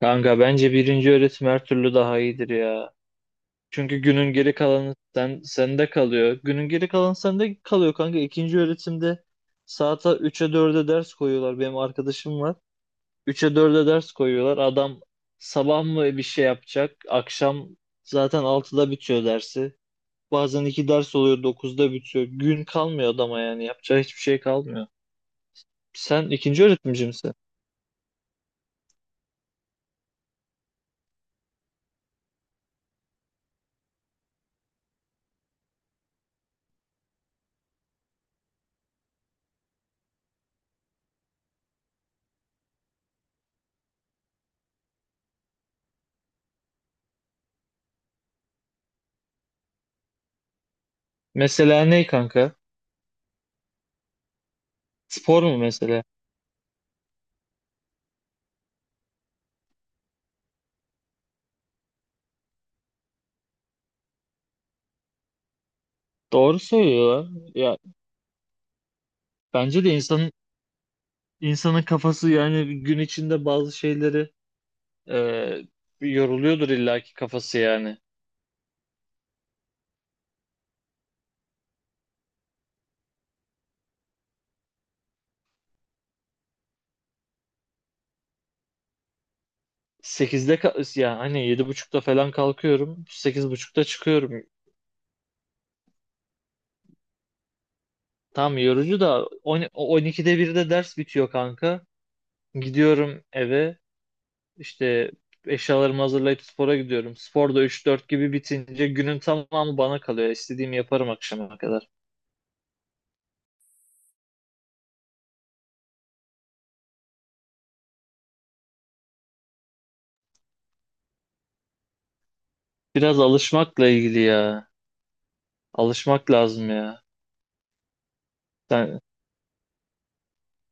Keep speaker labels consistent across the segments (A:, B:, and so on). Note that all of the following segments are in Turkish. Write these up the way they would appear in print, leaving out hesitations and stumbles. A: Kanka bence birinci öğretim her türlü daha iyidir ya. Çünkü günün geri kalanı sende kalıyor. Günün geri kalanı sende kalıyor kanka. İkinci öğretimde saata 3'e 4'e ders koyuyorlar. Benim arkadaşım var. 3'e 4'e ders koyuyorlar. Adam sabah mı bir şey yapacak? Akşam zaten 6'da bitiyor dersi. Bazen 2 ders oluyor 9'da bitiyor. Gün kalmıyor adama yani. Yapacağı hiçbir şey kalmıyor. Sen ikinci öğretimci misin? Mesela ne kanka? Spor mu mesela? Doğru söylüyorlar. Ya Bence de insanın kafası yani gün içinde bazı şeyleri e, yoruluyordur illaki kafası yani. Yani hani 7:30'da falan kalkıyorum. 8:30'da çıkıyorum. Tam yorucu da 12'de birde ders bitiyor kanka. Gidiyorum eve işte eşyalarımı hazırlayıp spora gidiyorum. Spor da 3-4 gibi bitince günün tamamı bana kalıyor. İstediğimi yaparım akşama kadar. Biraz alışmakla ilgili ya. Alışmak lazım ya.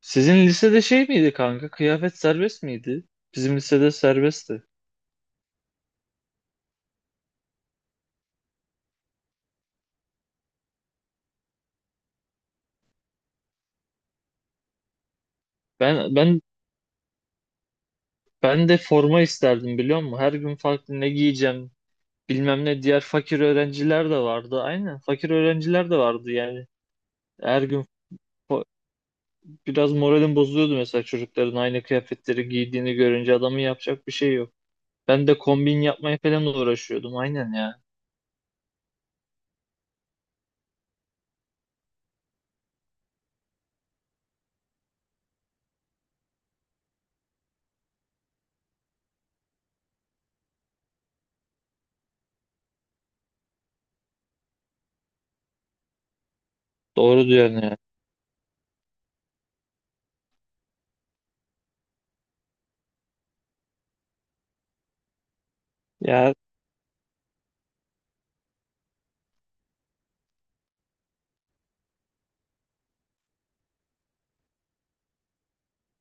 A: Sizin lisede şey miydi kanka? Kıyafet serbest miydi? Bizim lisede serbestti. Ben ben ben de forma isterdim biliyor musun? Her gün farklı ne giyeceğim bilmem ne. Diğer fakir öğrenciler de vardı. Aynen fakir öğrenciler de vardı yani. Her gün fo- biraz moralim bozuluyordu mesela çocukların aynı kıyafetleri giydiğini görünce adamın yapacak bir şey yok. Ben de kombin yapmaya falan uğraşıyordum aynen ya. Doğru diyorsun ya. Ya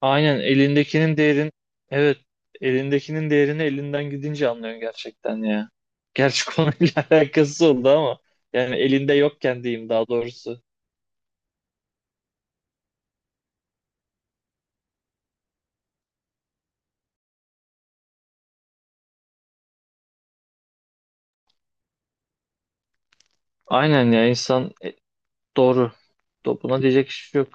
A: Aynen elindekinin değerin evet elindekinin değerini elinden gidince anlıyorsun gerçekten ya. Gerçi konuyla alakası oldu ama yani elinde yokken diyeyim daha doğrusu. Aynen ya insan doğru. Buna diyecek iş yok.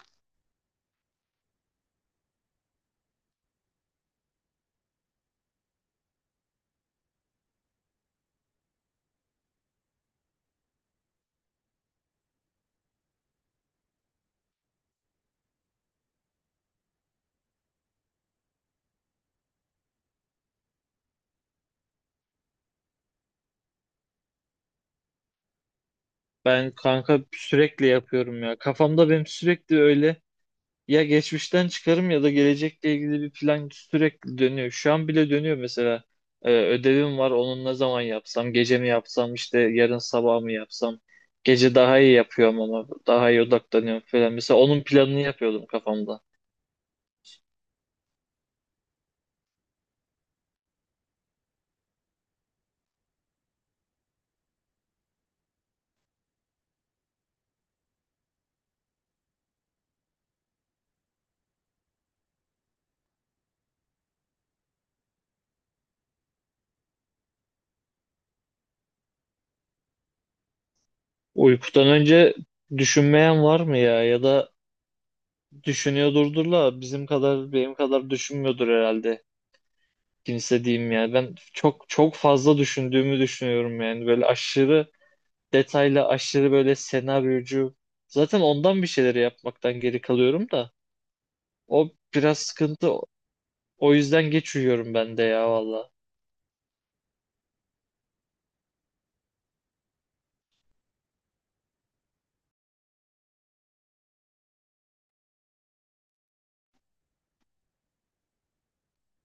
A: Ben kanka sürekli yapıyorum ya. Kafamda benim sürekli öyle. Ya geçmişten çıkarım ya da gelecekle ilgili bir plan sürekli dönüyor. Şu an bile dönüyor mesela. Ödevim var, onun ne zaman yapsam, gece mi yapsam, işte yarın sabah mı yapsam. Gece daha iyi yapıyorum ama daha iyi odaklanıyorum falan. Mesela onun planını yapıyordum kafamda. Uykudan önce düşünmeyen var mı ya? Ya da düşünüyordurdur la bizim kadar benim kadar düşünmüyordur herhalde. Kimse diyeyim yani. Ben çok çok fazla düşündüğümü düşünüyorum yani. Böyle aşırı detaylı aşırı böyle senaryocu. Zaten ondan bir şeyleri yapmaktan geri kalıyorum da. O biraz sıkıntı. O yüzden geç uyuyorum ben de ya valla.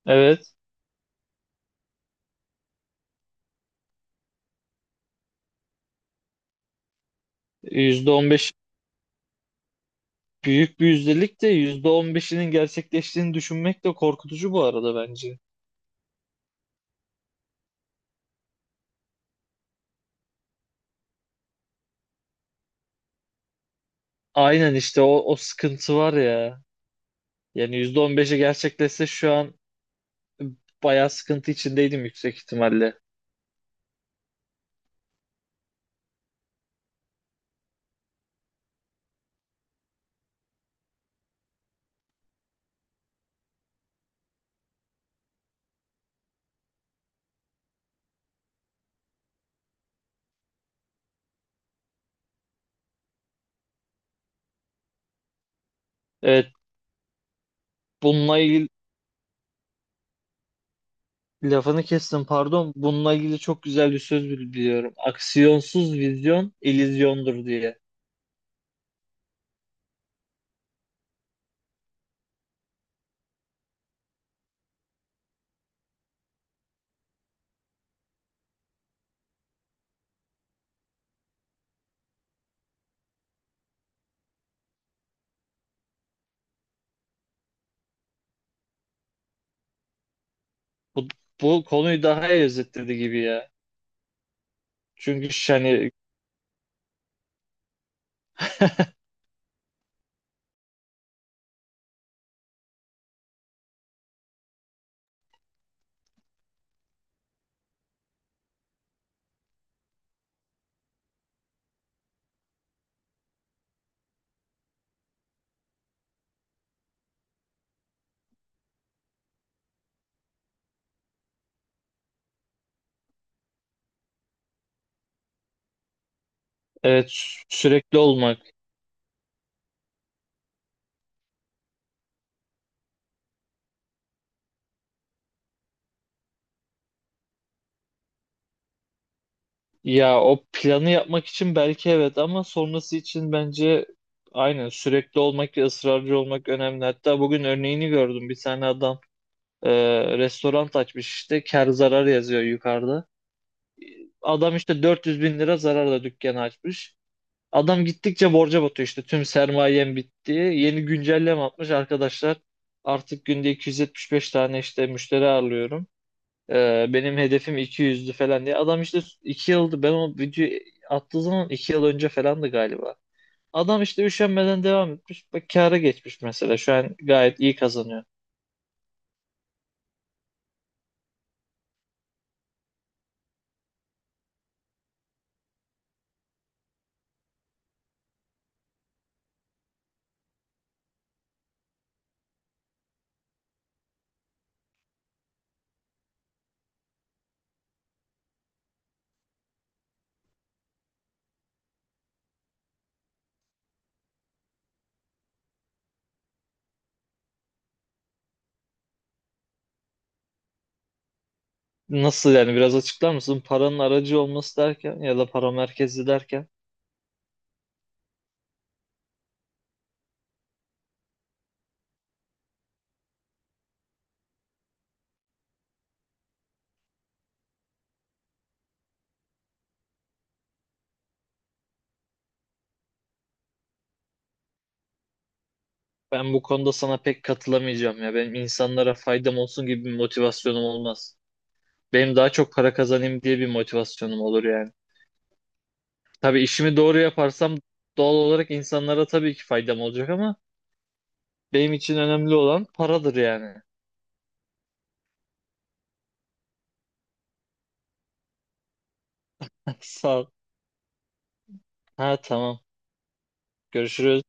A: Evet. %15 büyük bir yüzdelik de %15'inin gerçekleştiğini düşünmek de korkutucu bu arada bence. Aynen işte o sıkıntı var ya. Yani %15'i gerçekleşse şu an bayağı sıkıntı içindeydim yüksek ihtimalle. Evet, bununla ilgili. Lafını kestim pardon. Bununla ilgili çok güzel bir söz biliyorum. Aksiyonsuz vizyon illüzyondur diye. Bu bu konuyu daha iyi özetledi gibi ya. Çünkü hani evet, sürekli olmak. Ya o planı yapmak için belki evet ama sonrası için bence aynen sürekli olmak ve ısrarcı olmak önemli. Hatta bugün örneğini gördüm. Bir tane adam restoran açmış işte kar zarar yazıyor yukarıda. Adam işte 400 bin lira zararla dükkanı açmış. Adam gittikçe borca batıyor işte tüm sermayem bitti. Yeni güncelleme atmış arkadaşlar. Artık günde 275 tane işte müşteri ağırlıyorum. Benim hedefim 200'dü falan diye. Adam işte 2 yıldı ben o videoyu attığı zaman, 2 yıl önce falandı galiba. Adam işte üşenmeden devam etmiş. Bak kâra geçmiş mesela şu an gayet iyi kazanıyor. Nasıl yani biraz açıklar mısın? Paranın aracı olması derken ya da para merkezi derken. Ben bu konuda sana pek katılamayacağım ya. Benim insanlara faydam olsun gibi bir motivasyonum olmaz. Benim daha çok para kazanayım diye bir motivasyonum olur yani. Tabii işimi doğru yaparsam doğal olarak insanlara tabii ki faydam olacak ama benim için önemli olan paradır yani. Sağ ol. Ha, tamam. Görüşürüz.